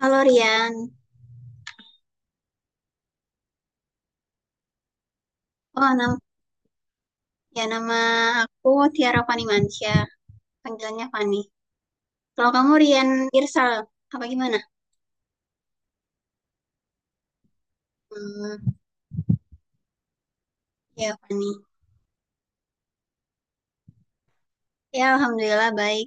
Halo Rian. Oh, nam nama aku Tiara Fani Mansyah. Panggilannya Fani. Kalau kamu Rian Irsal, apa gimana? Hmm, Ya Fani. Ya Alhamdulillah baik.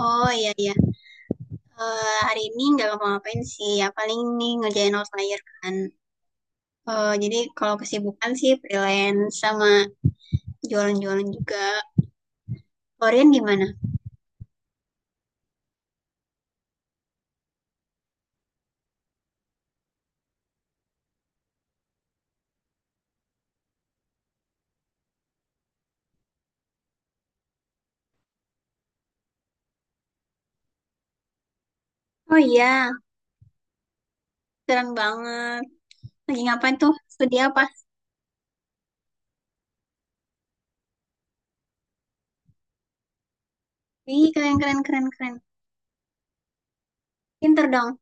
Oh, iya, iya. Hari ini nggak ngapa-ngapain sih. Ya paling nih ngerjain outlier kan. Jadi kalau kesibukan sih freelance sama jualan-jualan juga. Kalau Rian gimana? Oh iya, keren banget. Lagi ngapain tuh? Studi apa? Ih, keren keren keren keren. Pinter dong.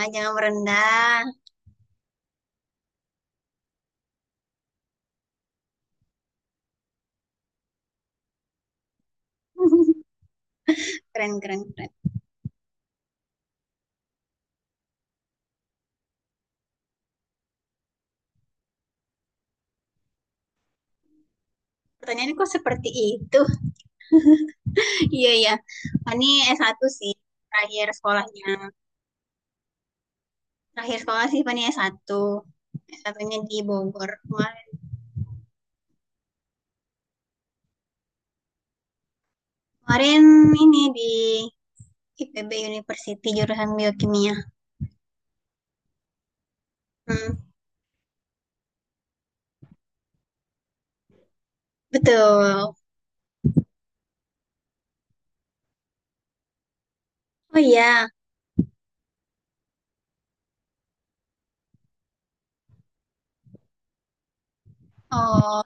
Ah, jangan merendah. Keren, keren, keren. Pertanyaannya kok seperti itu? Iya, iya. Fani s satu sih, terakhir sekolahnya. Terakhir sekolah sih Fani s satu s S1-nya di Bogor. Kemarin ini di IPB University, jurusan biokimia. Hmm, Betul. Oh iya. Oh,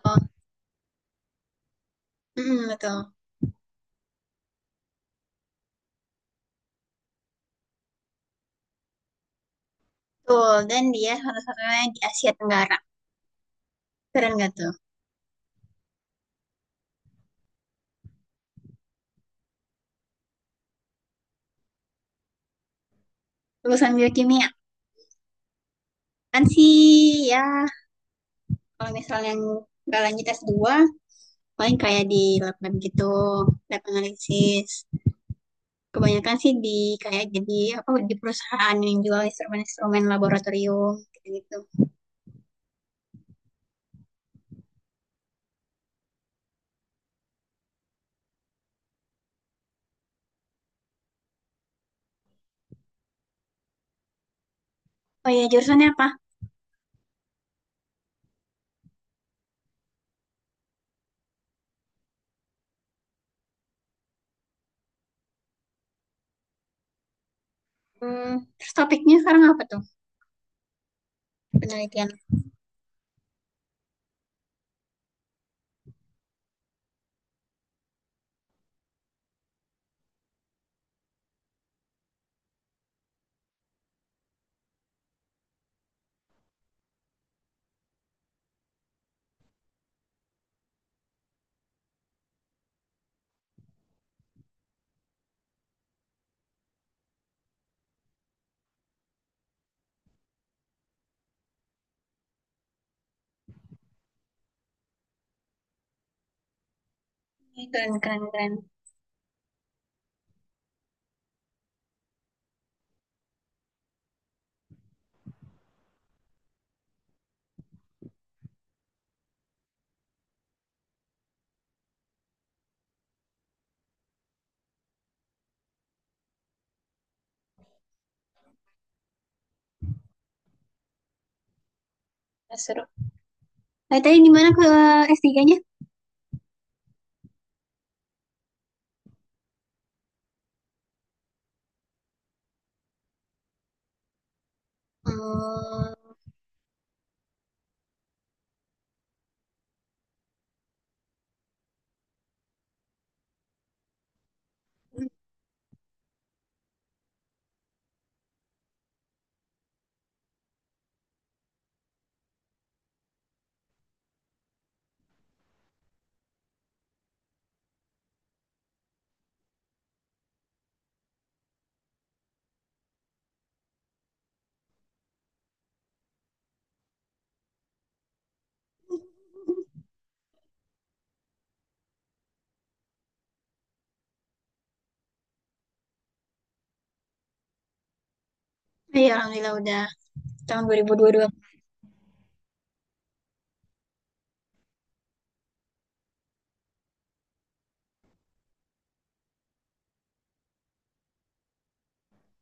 betul. Betul, dan dia satu-satunya di Asia Tenggara. Keren gak tuh? Lulusan biokimia. Kan sih, ya, kalau misalnya nggak lanjut S2, paling kayak di lab lab gitu, lab analisis. Kebanyakan sih di kayak jadi apa di perusahaan yang jual instrumen-instrumen laboratorium gitu. Oh iya, jurusannya apa? Hmm, Terus topiknya sekarang apa tuh? Penelitian. Ih, keren, keren, keren. Nah, seru. Nah, tadi gimana ke S3-nya? Hmm, iya, alhamdulillah udah tahun 2022.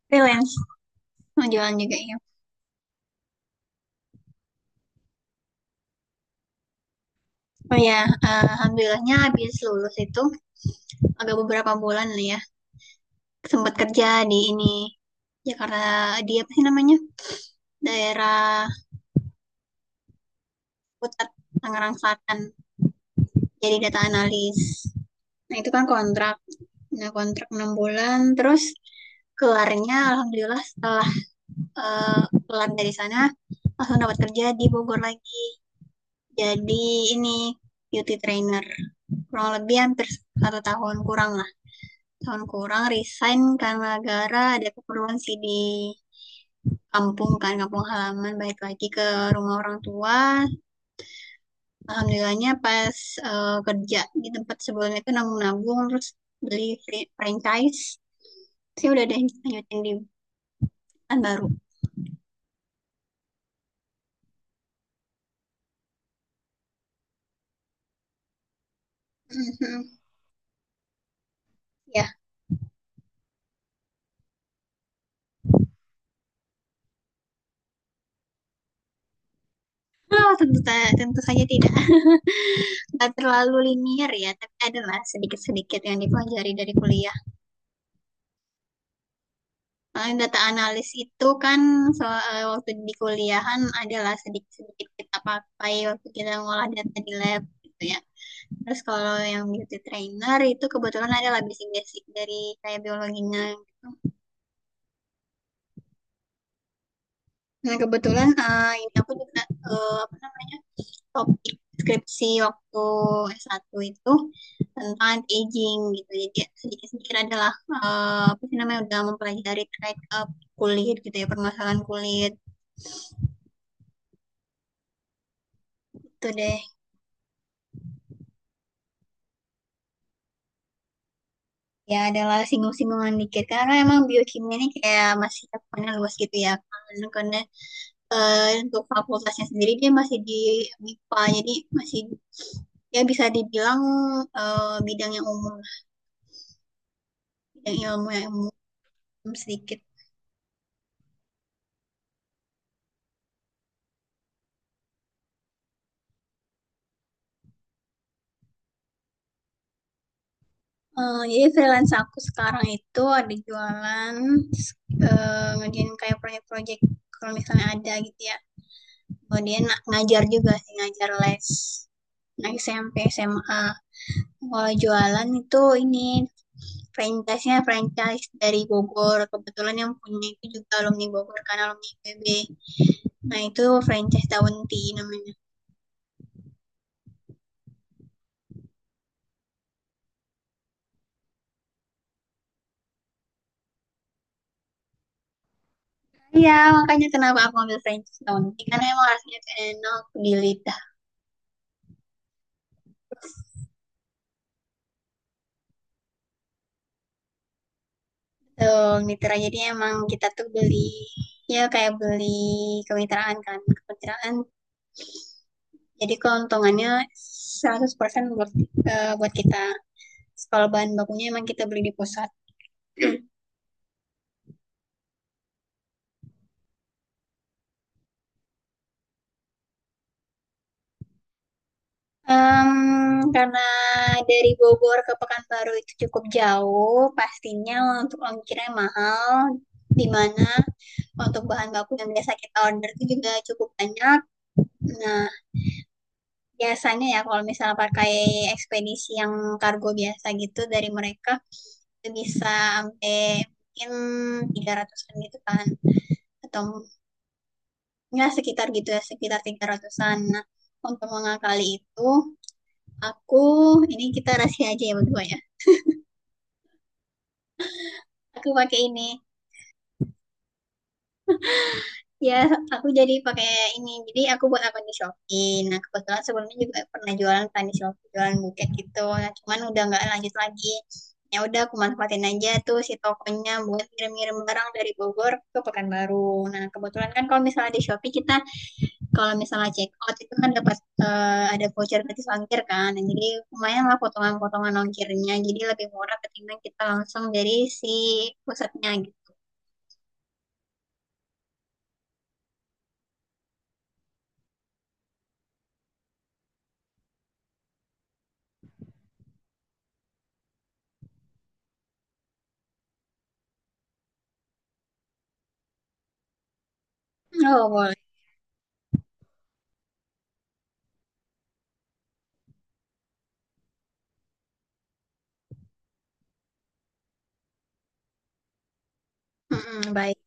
Freelance mau jualan juga ya. Oh ya, alhamdulillahnya habis lulus itu agak beberapa bulan lah ya, sempat kerja di ini Jakarta di apa sih namanya, daerah Putat Tangerang Selatan, jadi data analis. Nah itu kan kontrak, nah kontrak 6 bulan. Terus keluarnya alhamdulillah setelah keluar dari sana langsung dapat kerja di Bogor lagi, jadi ini beauty trainer kurang lebih hampir satu tahun kurang, tahun kurang resign karena gara ada keperluan sih di kampung kan, kampung halaman, balik lagi ke rumah orang tua. Alhamdulillahnya pas kerja di tempat sebelumnya itu nabung-nabung, terus beli franchise sih, udah deh lanjutin di perusahaan baru. Ya. Oh, tentu tentu saja tidak, nggak terlalu linier ya, tapi adalah sedikit-sedikit yang dipelajari dari kuliah. Eh, data analis itu kan so, waktu di kuliahan adalah sedikit-sedikit kita pakai, waktu kita ngolah data di lab gitu ya. Terus kalau yang beauty trainer itu kebetulan adalah basic-basic dari kayak biologinya gitu. Nah kebetulan ini aku juga eh, apa namanya topik skripsi waktu S1 itu tentang anti-aging gitu. Jadi sedikit-sedikit adalah eh, apa sih namanya udah mempelajari terkait kulit gitu ya, permasalahan kulit itu deh. Ya adalah singgung-singgungan dikit karena emang biokimia ini kayak masih cakupannya luas gitu ya, karena untuk fakultasnya sendiri dia masih di MIPA, jadi masih ya bisa dibilang bidang yang umum, bidang ilmu yang umum sedikit. Jadi freelance aku sekarang itu ada jualan, ngerjain kayak proyek-proyek kalau misalnya ada gitu ya. Kemudian ngajar juga sih, ngajar les. Nah, SMP, SMA. Kalau jualan itu ini franchise-nya franchise dari Bogor. Kebetulan yang punya itu juga alumni Bogor kan, alumni IPB. Nah, itu franchise Daun Tea namanya. Iya, makanya kenapa aku ambil franchise Daun Tea. Karena emang rasanya enak di lidah. Tuh, mitra. Jadi emang kita tuh beli, ya kayak beli kemitraan kan. Kemitraan. Jadi keuntungannya 100% buat, buat kita. Kalau bahan bakunya emang kita beli di pusat. Em, karena dari Bogor ke Pekanbaru itu cukup jauh, pastinya untuk ongkirnya mahal, di mana untuk bahan baku yang biasa kita order itu juga cukup banyak. Nah, biasanya ya kalau misalnya pakai ekspedisi yang kargo biasa gitu dari mereka, itu bisa sampai mungkin 300-an gitu kan. Atau ya sekitar gitu ya, sekitar 300-an. Nah, untuk mengakali itu, aku, ini kita rahasia aja ya berdua ya. Aku pakai ini, ya, aku jadi pakai ini, jadi aku buat akun di Shopee. Nah kebetulan sebelumnya juga pernah jualan kan di Shopee, jualan buket gitu, nah, cuman udah nggak lanjut lagi, ya udah aku manfaatin aja tuh si tokonya buat ngirim-ngirim barang dari Bogor ke Pekanbaru. Nah kebetulan kan kalau misalnya di Shopee kita kalau misalnya check out itu kan dapat, ada voucher gratis ongkir kan. Nah, jadi lumayan lah potongan-potongan ongkirnya, jadi lebih murah ketimbang kita langsung dari si pusatnya gitu. Oh boleh. Mm-mm, baik.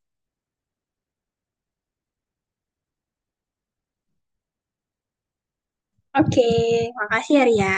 Oke, makasih ya Ria.